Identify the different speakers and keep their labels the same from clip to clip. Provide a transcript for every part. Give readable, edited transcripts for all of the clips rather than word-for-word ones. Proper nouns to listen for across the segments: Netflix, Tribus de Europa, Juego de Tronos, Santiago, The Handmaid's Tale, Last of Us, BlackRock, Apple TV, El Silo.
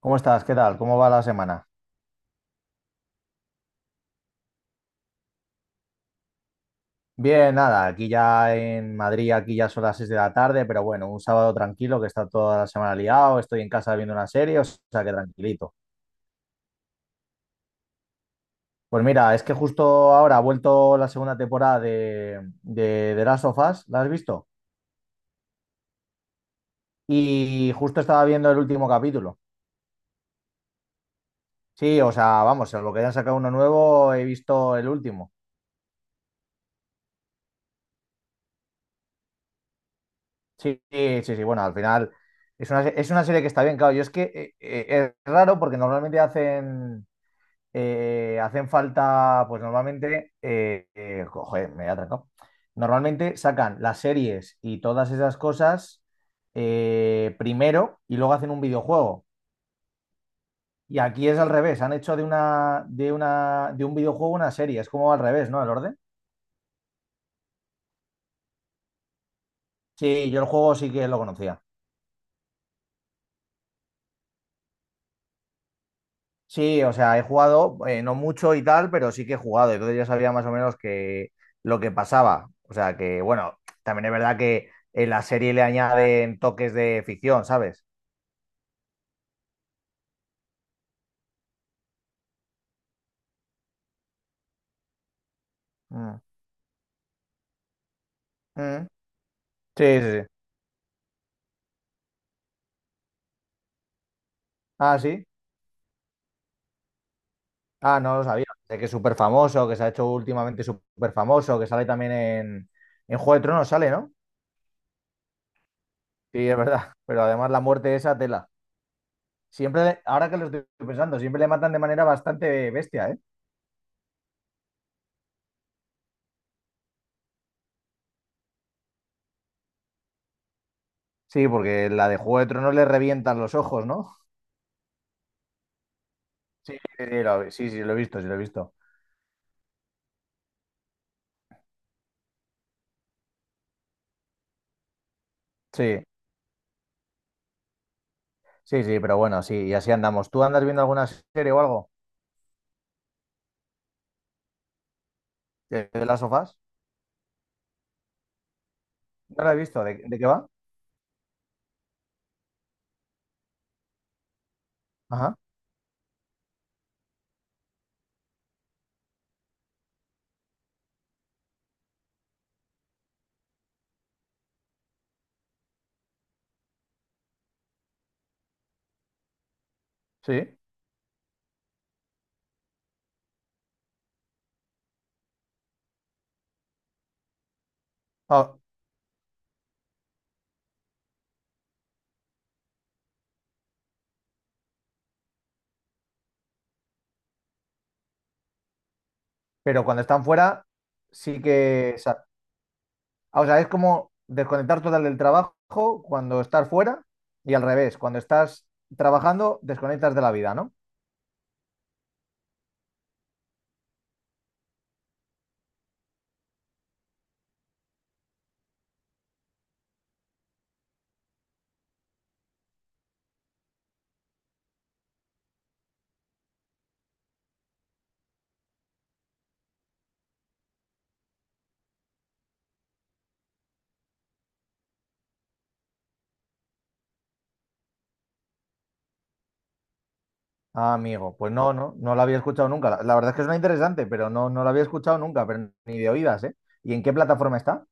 Speaker 1: ¿Cómo estás? ¿Qué tal? ¿Cómo va la semana? Bien, nada, aquí ya en Madrid, aquí ya son las 6 de la tarde, pero bueno, un sábado tranquilo que está toda la semana liado, estoy en casa viendo una serie, o sea que tranquilito. Pues mira, es que justo ahora ha vuelto la segunda temporada de Last of Us, ¿la has visto? Y justo estaba viendo el último capítulo. Sí, o sea, vamos, en lo que hayan sacado uno nuevo, he visto el último. Sí, sí, sí, sí, bueno, al final es una, es una serie que está bien, claro. Yo es que es raro porque normalmente hacen hacen falta, pues normalmente, joder, me he atracado. Normalmente sacan las series y todas esas cosas primero y luego hacen un videojuego. Y aquí es al revés, han hecho de un videojuego una serie, es como al revés, ¿no? El orden. Sí, yo el juego sí que lo conocía. Sí, o sea, he jugado, no mucho y tal, pero sí que he jugado, entonces ya sabía más o menos que lo que pasaba. O sea, que bueno, también es verdad que en la serie le añaden toques de ficción, ¿sabes? Mm. Mm. Sí, sí, sí. Ah, sí. Ah, no lo sabía. Sé que es súper famoso, que se ha hecho últimamente súper famoso, que sale también en Juego de Tronos, sale, ¿no? Sí, es verdad. Pero además la muerte esa tela. Siempre, ahora que lo estoy pensando, siempre le matan de manera bastante bestia, ¿eh? Sí, porque la de Juego de Tronos le revientan los ojos, ¿no? Sí, sí, sí, lo he visto, sí, lo he visto. Sí, sí, sí, pero bueno, sí, y así andamos. ¿Tú andas viendo alguna serie o algo de las sofás? No la he visto, de qué va? Ajá, sí. Ah, pero cuando están fuera, sí que... o ah, o sea, es como desconectar total del trabajo cuando estás fuera y al revés, cuando estás trabajando, desconectas de la vida, ¿no? Ah, amigo, pues no, no, no la había escuchado nunca. La verdad es que suena interesante, pero no, no la había escuchado nunca, pero ni de oídas, ¿eh? ¿Y en qué plataforma está?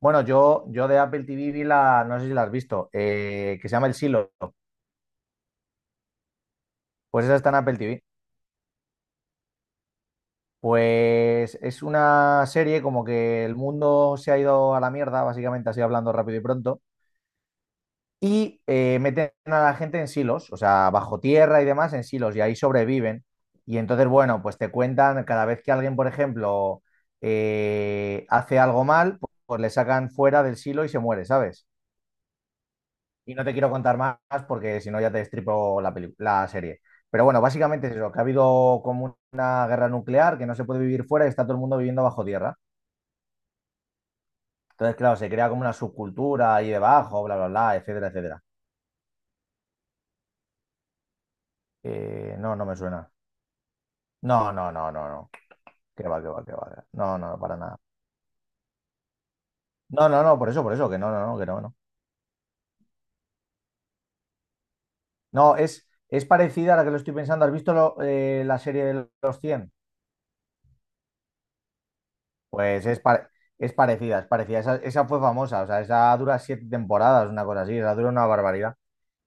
Speaker 1: Bueno, yo de Apple TV vi la, no sé si la has visto, que se llama El Silo. Pues esa está en Apple TV. Pues es una serie como que el mundo se ha ido a la mierda, básicamente así hablando rápido y pronto. Y meten a la gente en silos, o sea, bajo tierra y demás, en silos, y ahí sobreviven. Y entonces, bueno, pues te cuentan cada vez que alguien, por ejemplo, hace algo mal, pues le sacan fuera del silo y se muere, ¿sabes? Y no te quiero contar más porque si no ya te destripo la, la serie. Pero bueno, básicamente es eso, que ha habido como una guerra nuclear, que no se puede vivir fuera y está todo el mundo viviendo bajo tierra. Entonces, claro, se crea como una subcultura ahí debajo, bla, bla, bla, etcétera, etcétera. No, no me suena. No, no, no, no, no. Que va, que va, que va. No, no, no, para nada. No, no, no, por eso, que no, no, no, que no, no. No, es parecida a la que lo estoy pensando. ¿Has visto la serie de los cien? Pues es, es parecida, es parecida. Esa fue famosa, o sea, esa dura siete temporadas, una cosa así, esa dura una barbaridad.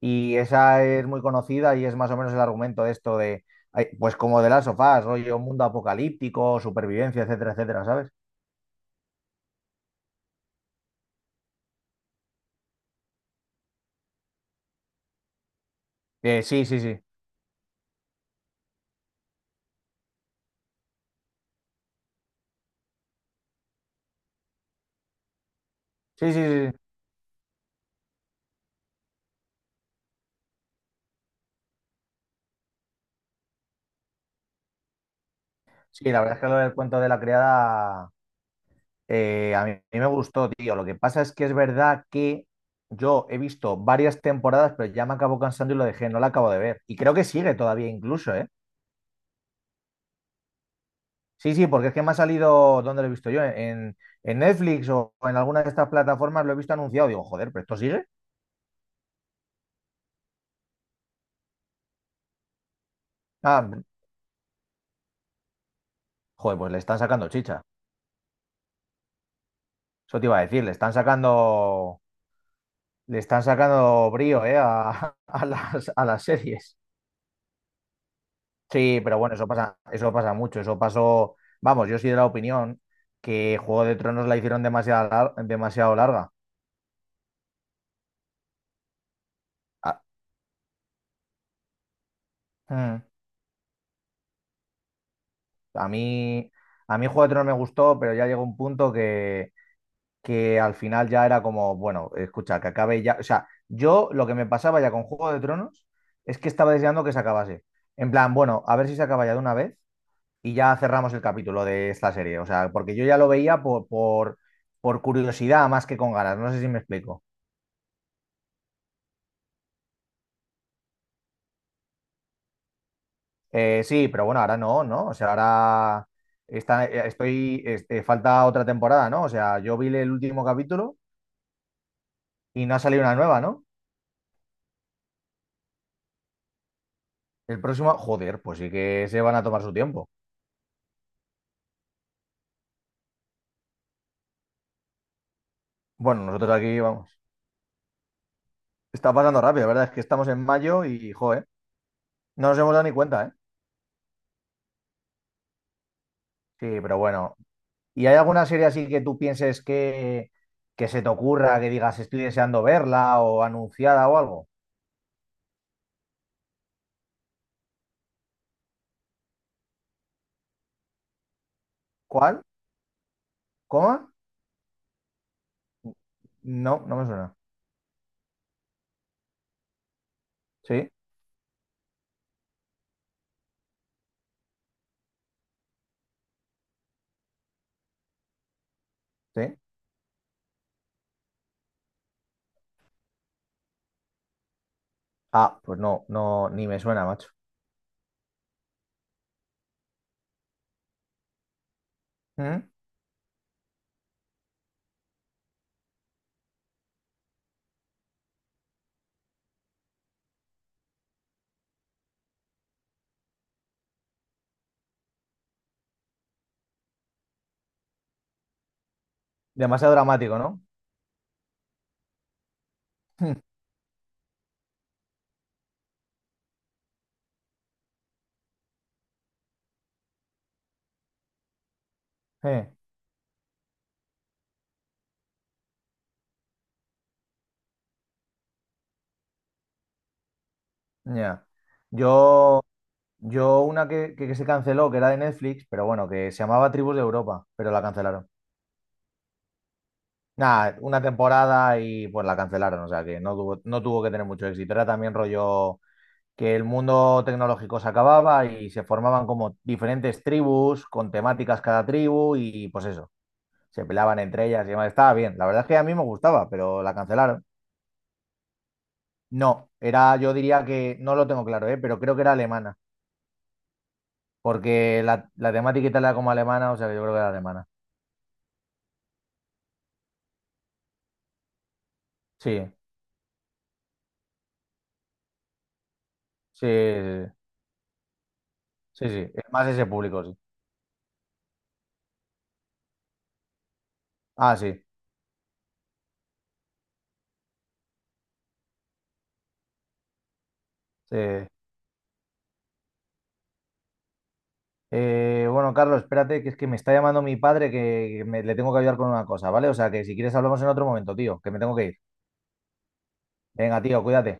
Speaker 1: Y esa es muy conocida y es más o menos el argumento de esto de, ay, pues como de las sofás, rollo mundo apocalíptico, supervivencia, etcétera, etcétera, ¿sabes? Sí, sí, sí. Sí, sí, sí. Sí, sí, la verdad es que lo del cuento de la criada, a mí me gustó, tío. Lo que pasa es que es verdad que yo he visto varias temporadas, pero ya me acabo cansando y lo dejé, no la acabo de ver. Y creo que sigue todavía incluso, ¿eh? Sí, sí, porque es que me ha salido, ¿dónde lo he visto yo? En Netflix o en alguna de estas plataformas lo he visto anunciado. Digo, joder, ¿pero esto sigue? Ah, joder, pues le están sacando chicha. Eso te iba a decir, le están sacando brío, ¿eh? A, a las series. Sí, pero bueno, eso pasa mucho. Eso pasó. Vamos, yo soy de la opinión que Juego de Tronos la hicieron demasiado, demasiado larga. A, mm, a mí, a mí Juego de Tronos me gustó, pero ya llegó un punto que al final ya era como, bueno, escucha, que acabe ya. O sea, yo lo que me pasaba ya con Juego de Tronos es que estaba deseando que se acabase. En plan, bueno, a ver si se acaba ya de una vez y ya cerramos el capítulo de esta serie. O sea, porque yo ya lo veía por curiosidad más que con ganas. No sé si me explico. Sí, pero bueno, ahora no, ¿no? O sea, ahora está, estoy, este, falta otra temporada, ¿no? O sea, yo vi el último capítulo y no ha salido una nueva, ¿no? El próximo, joder, pues sí que se van a tomar su tiempo. Bueno, nosotros aquí vamos. Está pasando rápido, la verdad es que estamos en mayo y, joder, no nos hemos dado ni cuenta, ¿eh? Sí, pero bueno. ¿Y hay alguna serie así que tú pienses que se te ocurra, que digas estoy deseando verla o anunciada o algo? ¿Cuál? ¿Cómo? No, no me suena. Sí, sí. Ah, pues no, no, ni me suena, macho. ¿Mm? Demasiado dramático, ¿no? Mm, ya. Yo, yo una que, que se canceló, que era de Netflix, pero bueno, que se llamaba Tribus de Europa, pero la cancelaron. Nada, una temporada y pues la cancelaron, o sea que no tuvo, no tuvo que tener mucho éxito. Era también rollo que el mundo tecnológico se acababa y se formaban como diferentes tribus, con temáticas cada tribu y pues eso, se pelaban entre ellas y demás. Estaba bien, la verdad es que a mí me gustaba, pero la cancelaron. No, era, yo diría que, no lo tengo claro, ¿eh? Pero creo que era alemana, porque la temática era como alemana, o sea que yo creo que era alemana. Sí, sí, sí, sí, sí, es más ese público, sí. Ah, sí, sí. Bueno, Carlos, espérate, que es que me está llamando mi padre que le tengo que ayudar con una cosa, ¿vale? O sea que si quieres hablamos en otro momento, tío, que me tengo que ir. Venga, tío, cuídate.